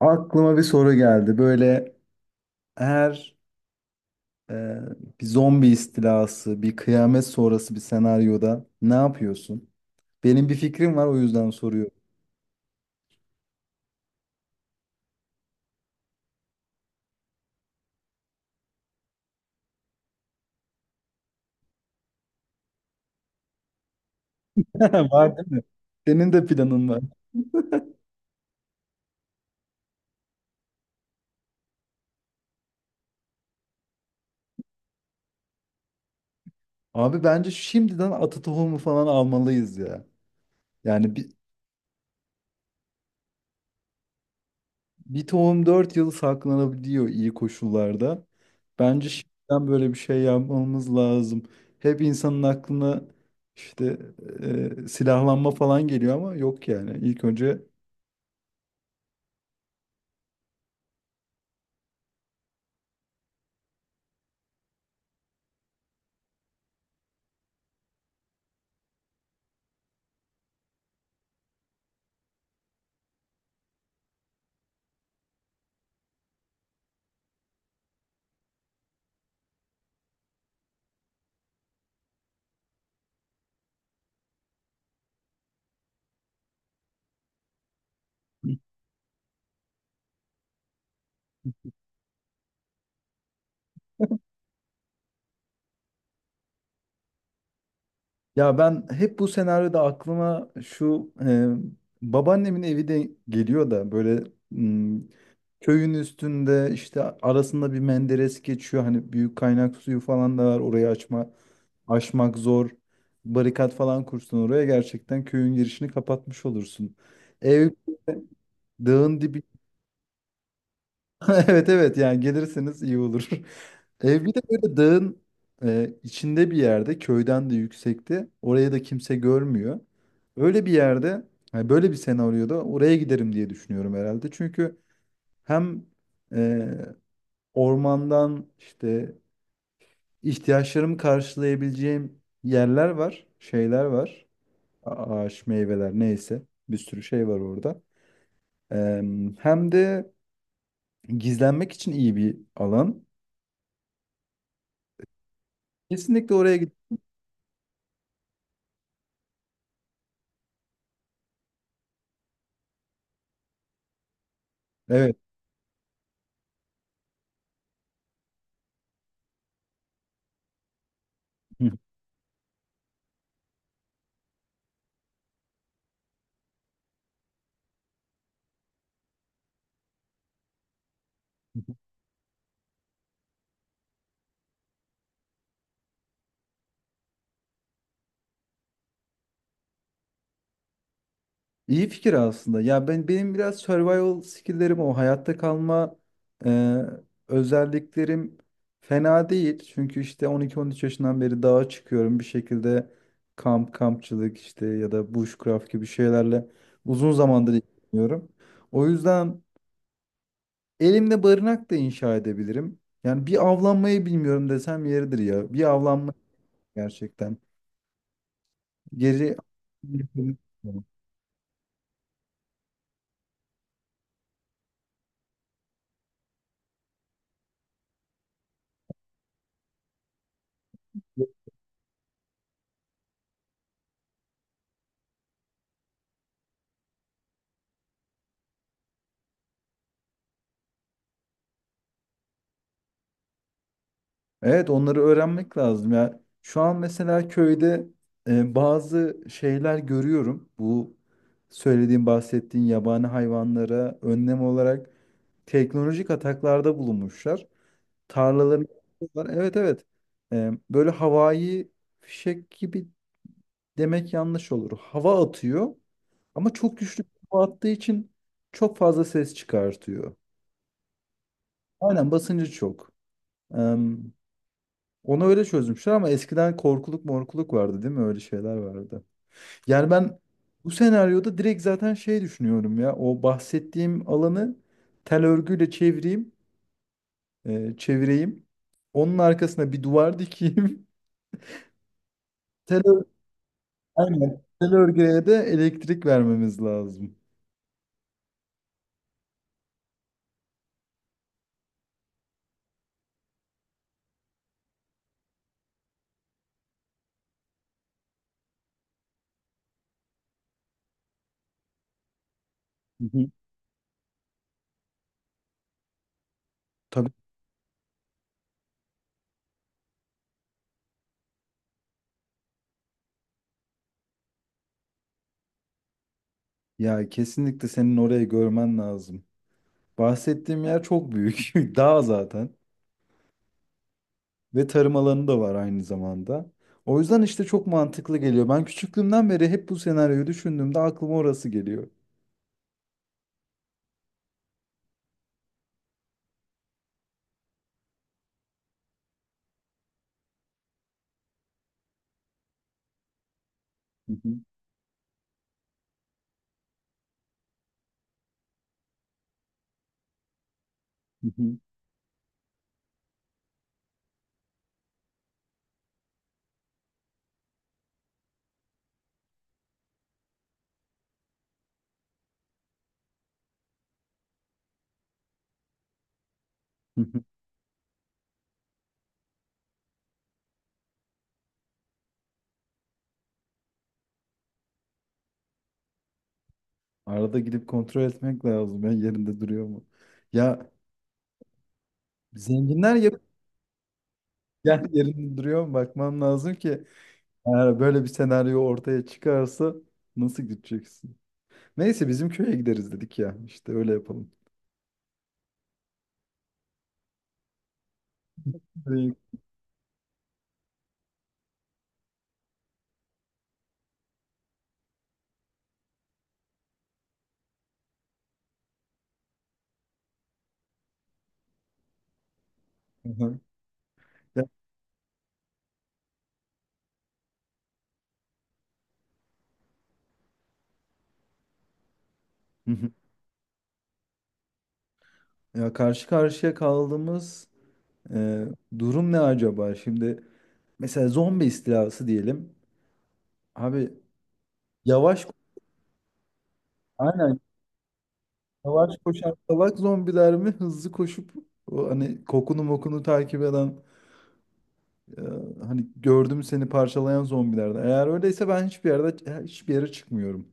Aklıma bir soru geldi. Böyle eğer e, bir zombi istilası, bir kıyamet sonrası bir senaryoda ne yapıyorsun? Benim bir fikrim var, o yüzden soruyorum. Var değil mi? Senin de planın var. Abi bence şimdiden atı tohumu falan almalıyız ya. Yani bir, bir tohum 4 yıl saklanabiliyor iyi koşullarda. Bence şimdiden böyle bir şey yapmamız lazım. Hep insanın aklına işte silahlanma falan geliyor ama yok yani. İlk önce ya ben hep bu senaryoda aklıma şu babaannemin evi de geliyor da böyle m, köyün üstünde işte arasında bir menderes geçiyor. Hani büyük kaynak suyu falan da var. Orayı açma aşmak zor. Barikat falan kursun, oraya gerçekten köyün girişini kapatmış olursun. Ev dağın dibi. Evet, evet, yani gelirseniz iyi olur. Ev bir de böyle dağın içinde bir yerde, köyden de yüksekte, oraya da kimse görmüyor. Öyle bir yerde, yani böyle bir senaryoda oraya giderim diye düşünüyorum herhalde. Çünkü hem e, ormandan işte ihtiyaçlarımı karşılayabileceğim yerler var, şeyler var. Ağaç, meyveler, neyse bir sürü şey var orada. E, hem de gizlenmek için iyi bir alan. Kesinlikle oraya giderim. Evet. Hı. İyi fikir aslında. Ya ben, benim biraz survival skill'lerim, o hayatta kalma e, özelliklerim fena değil. Çünkü işte 12-13 yaşından beri dağa çıkıyorum bir şekilde, kamp kampçılık işte ya da bushcraft gibi şeylerle uzun zamandır ilgileniyorum. O yüzden elimde barınak da inşa edebilirim. Yani bir avlanmayı bilmiyorum desem yeridir ya. Bir avlanma gerçekten. Geri evet, onları öğrenmek lazım ya. Şu an mesela köyde bazı şeyler görüyorum. Bu söylediğim, bahsettiğin yabani hayvanlara önlem olarak teknolojik ataklarda bulunmuşlar. Tarlaları yapıyorlar. Evet, evet. E, böyle havai fişek gibi demek yanlış olur. Hava atıyor ama çok güçlü bir hava attığı için çok fazla ses çıkartıyor. Aynen, basıncı çok. Onu öyle çözmüşler ama eskiden korkuluk morkuluk vardı değil mi? Öyle şeyler vardı. Yani ben bu senaryoda direkt zaten şey düşünüyorum ya. O bahsettiğim alanı tel örgüyle çevireyim. e, çevireyim. Onun arkasına bir duvar dikeyim. Tel ör- Aynen. Tel örgüye de elektrik vermemiz lazım. Hı hı. Tabii. Ya, kesinlikle senin orayı görmen lazım. Bahsettiğim yer çok büyük. Dağ zaten. Ve tarım alanı da var aynı zamanda. O yüzden işte çok mantıklı geliyor. Ben küçüklüğümden beri hep bu senaryoyu düşündüğümde aklıma orası geliyor. Hı hı, hı hı, hı hı. Arada gidip kontrol etmek lazım. Ya yerinde duruyor mu? Ya zenginler yap ya yerinde duruyor mu? Bakmam lazım ki eğer böyle bir senaryo ortaya çıkarsa nasıl gideceksin? Neyse, bizim köye gideriz dedik ya. İşte öyle yapalım. Hı hı. Ya, hı hı. Ya karşı karşıya kaldığımız e, durum ne acaba? Şimdi mesela zombi istilası diyelim. Abi yavaş, aynen, yavaş koşan salak zombiler mi, hızlı koşup o hani kokunu mokunu takip eden, e, hani gördüm seni parçalayan zombilerden. Eğer öyleyse ben hiçbir yerde, hiçbir yere çıkmıyorum.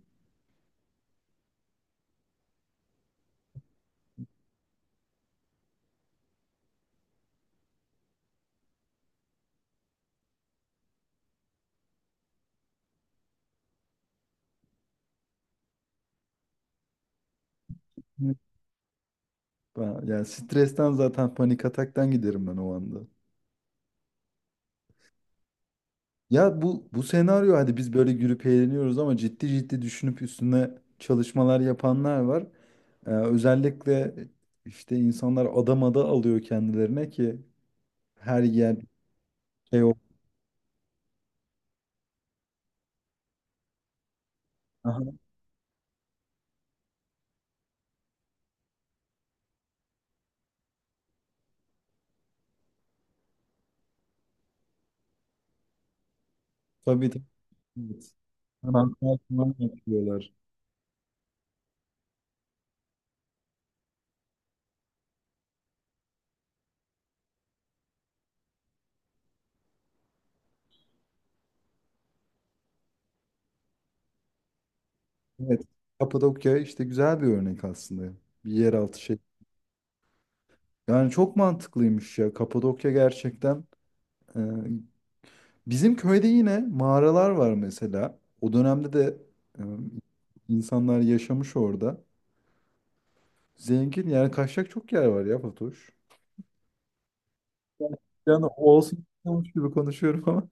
Hı. Ben, yani stresten, zaten panik ataktan giderim ben o anda. Ya bu, bu senaryo, hadi biz böyle gülüp eğleniyoruz ama ciddi ciddi düşünüp üstüne çalışmalar yapanlar var. Özellikle işte insanlar adamada alıyor kendilerine ki her yer şey o. Aha, tabii, tabii. Evet. Anahtar falan yapıyorlar. Evet. Kapadokya işte güzel bir örnek aslında. Bir yeraltı şey. Yani çok mantıklıymış ya. Kapadokya gerçekten e, bizim köyde yine mağaralar var mesela. O dönemde de e, insanlar yaşamış orada. Zengin, yani kaçacak çok yer var ya Fatoş. Yani olsun, olmuş gibi konuşuyorum ama.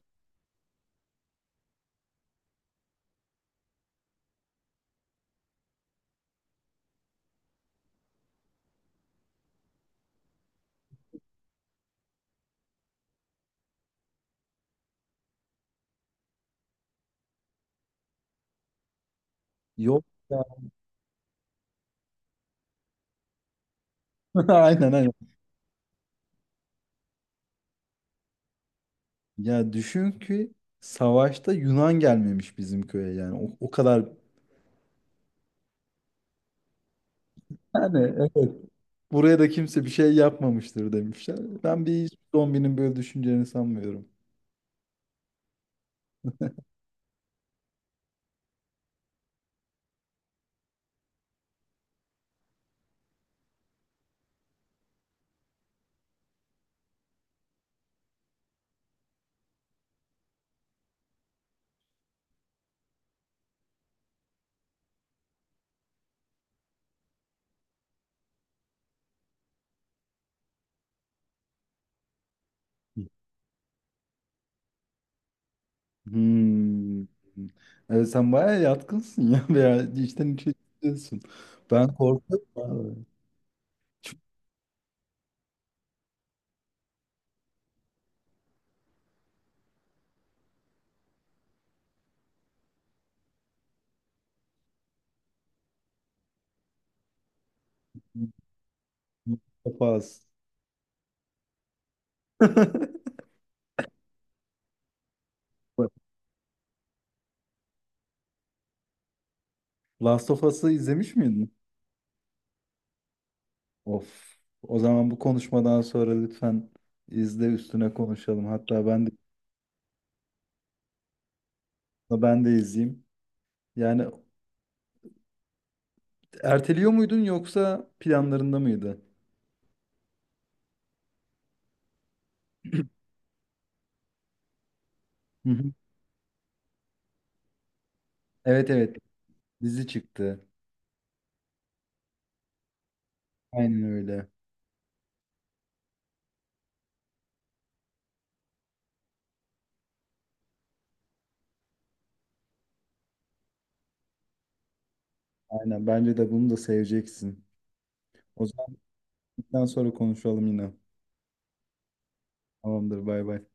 Yok ya. Aynen, aynen. Ya düşün ki savaşta Yunan gelmemiş bizim köye yani. O, o kadar yani, evet. Buraya da kimse bir şey yapmamıştır demişler. Ben bir zombinin böyle düşüneceğini sanmıyorum. Hmm. Evet, sen bayağı yatkınsın ya, veya içten içe diyorsun. Ben korkuyorum abi. Çok Last of Last of Us'ı izlemiş miydin? Of. O zaman bu konuşmadan sonra lütfen izle, üstüne konuşalım. Hatta ben de, ben de izleyeyim. Yani erteliyor muydun yoksa planlarında mıydı? Hı hı. Evet, evet, dizi çıktı. Aynen öyle. Aynen, bence de bunu da seveceksin. O zaman bundan sonra konuşalım yine. Tamamdır, bay bay.